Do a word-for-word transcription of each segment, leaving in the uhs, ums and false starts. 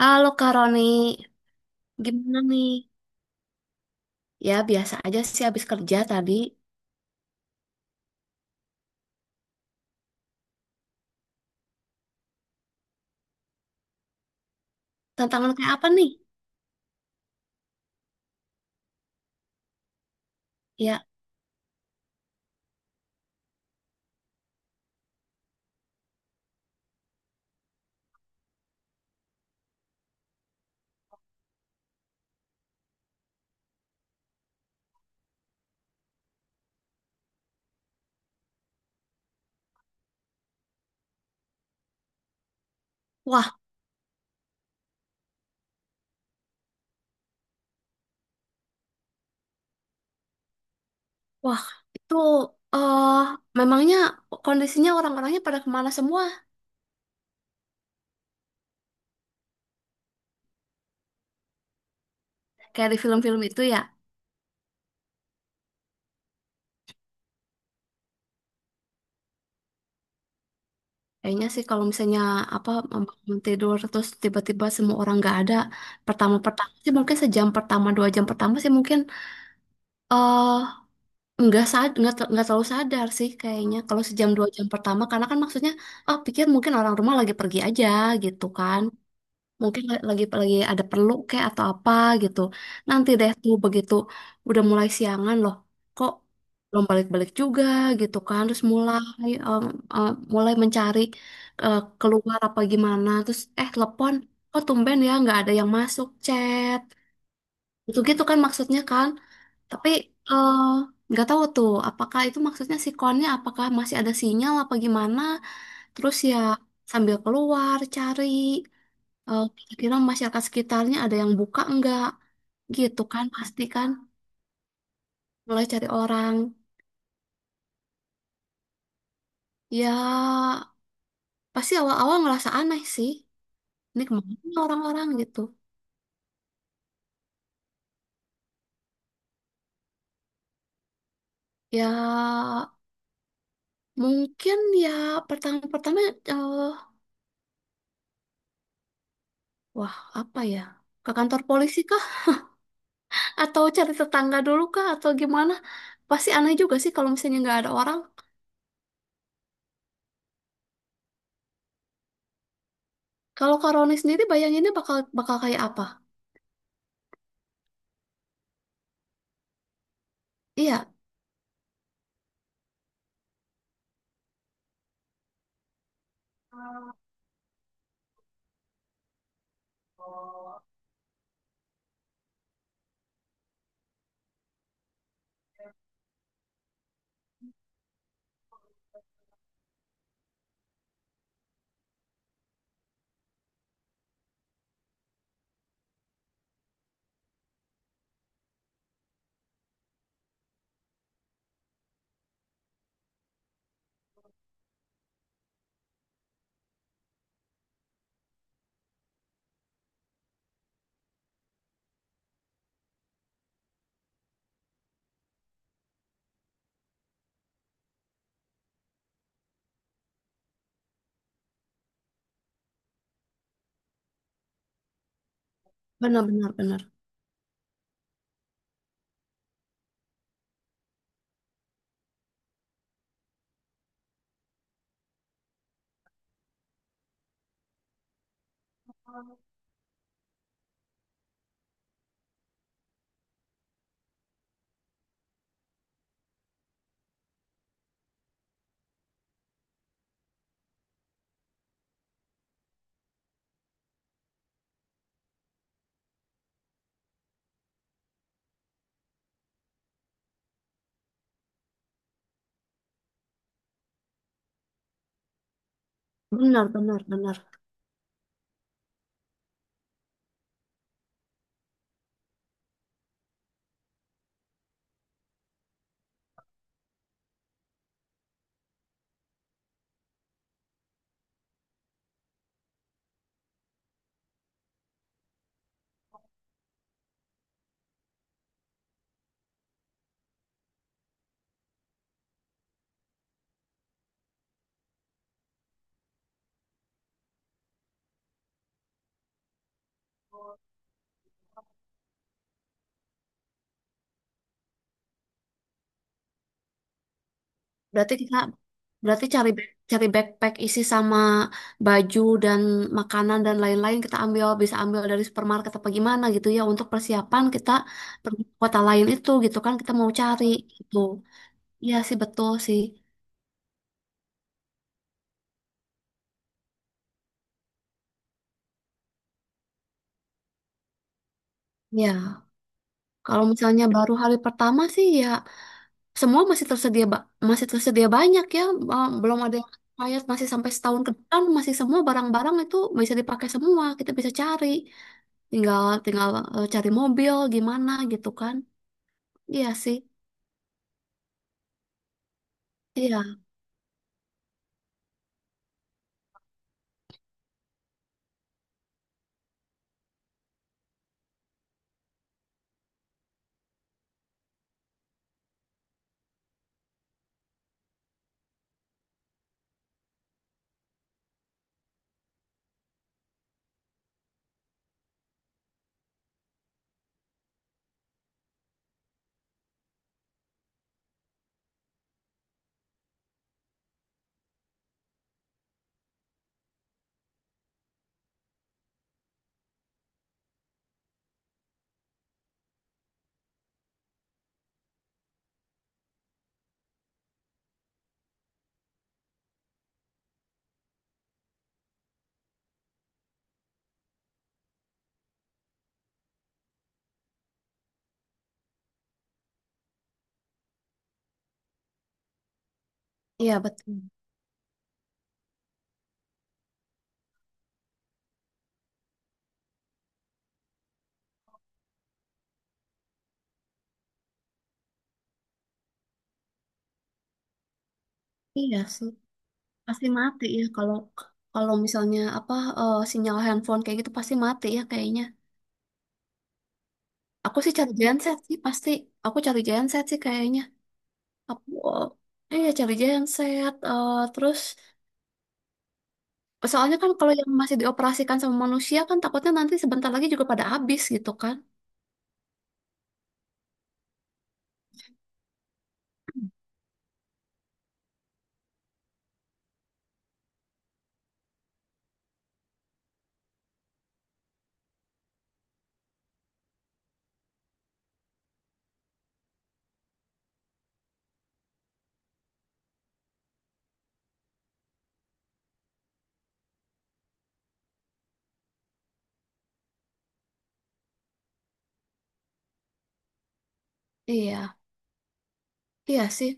Halo Kak Roni, gimana nih? Ya biasa aja sih habis kerja tadi. Tantangan kayak apa nih? Ya, wah, wah, itu eh memangnya kondisinya orang-orangnya pada kemana semua? Kayak di film-film itu ya. Kayaknya sih kalau misalnya apa membangun tidur terus tiba-tiba semua orang nggak ada, pertama-pertama sih mungkin sejam pertama dua jam pertama sih mungkin eh, nggak sad nggak ter- nggak terlalu sadar sih kayaknya kalau sejam dua jam pertama karena kan maksudnya oh pikir mungkin orang rumah lagi pergi aja gitu kan mungkin la- lagi lagi ada perlu kayak atau apa gitu nanti deh tuh begitu udah mulai siangan loh kok belum balik-balik juga gitu kan terus mulai em, em, mulai mencari eh, keluar apa gimana terus eh telepon kok tumben ya nggak ada yang masuk chat gitu gitu kan maksudnya kan tapi eh, nggak tahu tuh apakah itu maksudnya si konnya apakah masih ada sinyal apa gimana. Terus ya sambil keluar cari eh, kira-kira masyarakat sekitarnya ada yang buka enggak gitu kan pasti kan mulai cari orang. Ya pasti awal-awal ngerasa aneh sih. Ini kemana nih orang-orang gitu. Ya mungkin ya pertama-pertama eh, wah apa ya ke kantor polisi kah? Atau cari tetangga dulu kah? Atau gimana? Pasti aneh juga sih kalau misalnya nggak ada orang. Kalau Karoni sendiri bayanginnya bakal bakal kayak apa? Iya, benar benar benar. Benar benar benar. Berarti kita berarti cari back- cari backpack isi sama baju dan makanan dan lain-lain kita ambil bisa ambil dari supermarket apa gimana gitu ya untuk persiapan kita pergi ke kota lain itu gitu kan kita mau cari gitu. Iya sih betul sih. Ya, kalau misalnya baru hari pertama sih ya semua masih tersedia ba- masih tersedia banyak ya, eh, belum ada yang expired masih sampai setahun ke depan masih semua barang-barang itu bisa dipakai semua, kita bisa cari. Tinggal tinggal eh, cari mobil gimana gitu kan. Iya sih. Iya, iya betul. Iya sih. Pasti mati ya kalau kalau misalnya apa eh, sinyal handphone kayak gitu pasti mati ya kayaknya. Aku sih cari genset sih pasti. Aku cari genset sih kayaknya. Aku eh, iya cari genset eh, terus soalnya kan kalau yang masih dioperasikan sama manusia kan takutnya nanti sebentar lagi juga pada habis gitu kan. Iya, iya sih,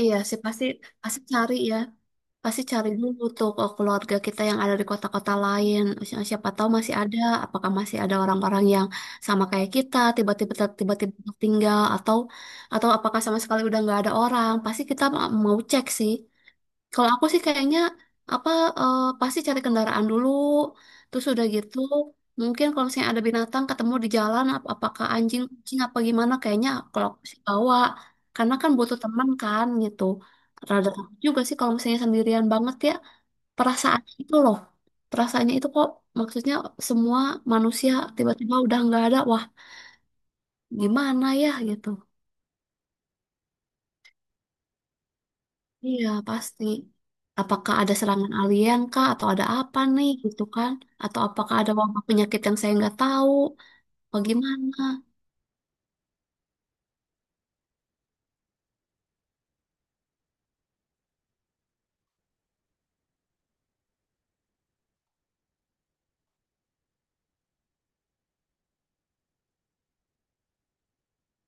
iya sih pasti pasti cari ya, pasti cari dulu tuh ke keluarga kita yang ada di kota-kota lain. Si- Siapa tahu masih ada, apakah masih ada orang-orang yang sama kayak kita tiba-tiba tiba-tiba tinggal atau atau apakah sama sekali udah nggak ada orang? Pasti kita ma- mau cek sih. Kalau aku sih kayaknya apa eh, pasti cari kendaraan dulu, terus udah gitu mungkin kalau misalnya ada binatang ketemu di jalan ap- apakah anjing, kucing apa gimana kayaknya kalau aku sih bawa karena kan butuh teman kan gitu. Rada takut juga sih kalau misalnya sendirian banget ya perasaan itu loh. Perasaannya itu kok maksudnya semua manusia tiba-tiba udah nggak ada, wah gimana ya gitu. Iya, pasti. Apakah ada serangan alien kah? Atau ada apa nih gitu kan? Atau apakah ada wabah penyakit yang saya nggak tahu? Bagaimana?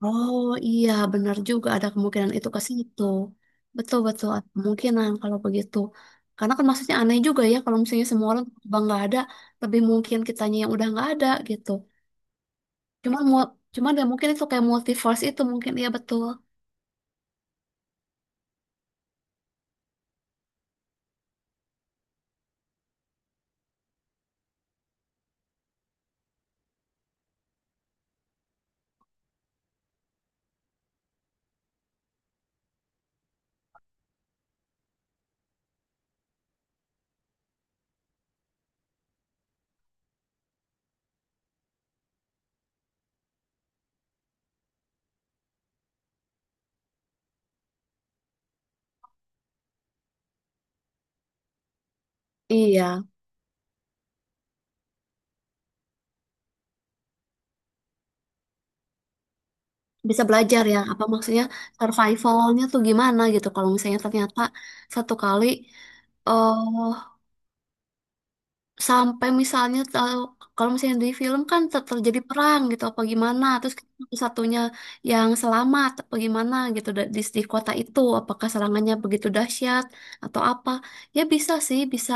Oh iya, benar juga ada kemungkinan itu ke situ. Betul-betul ada kemungkinan kalau begitu. Karena kan maksudnya aneh juga ya kalau misalnya semua orang tiba nggak ada, lebih mungkin kitanya yang udah nggak ada gitu. Cuman mau, cuman ya mungkin itu kayak multiverse itu mungkin ya betul. Iya. Bisa belajar ya apa maksudnya survivalnya tuh gimana gitu kalau misalnya ternyata satu kali eh sampai misalnya tahu kalau misalnya di film kan ter- terjadi perang gitu apa gimana terus satunya yang selamat apa gimana gitu da- di, di kota itu apakah serangannya begitu dahsyat atau apa ya bisa sih bisa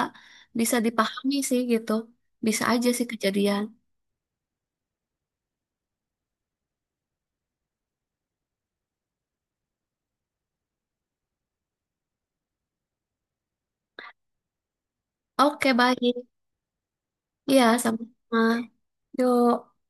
bisa dipahami sih gitu bisa aja sih kejadian. Oke baik, iya sama-sama, yuk.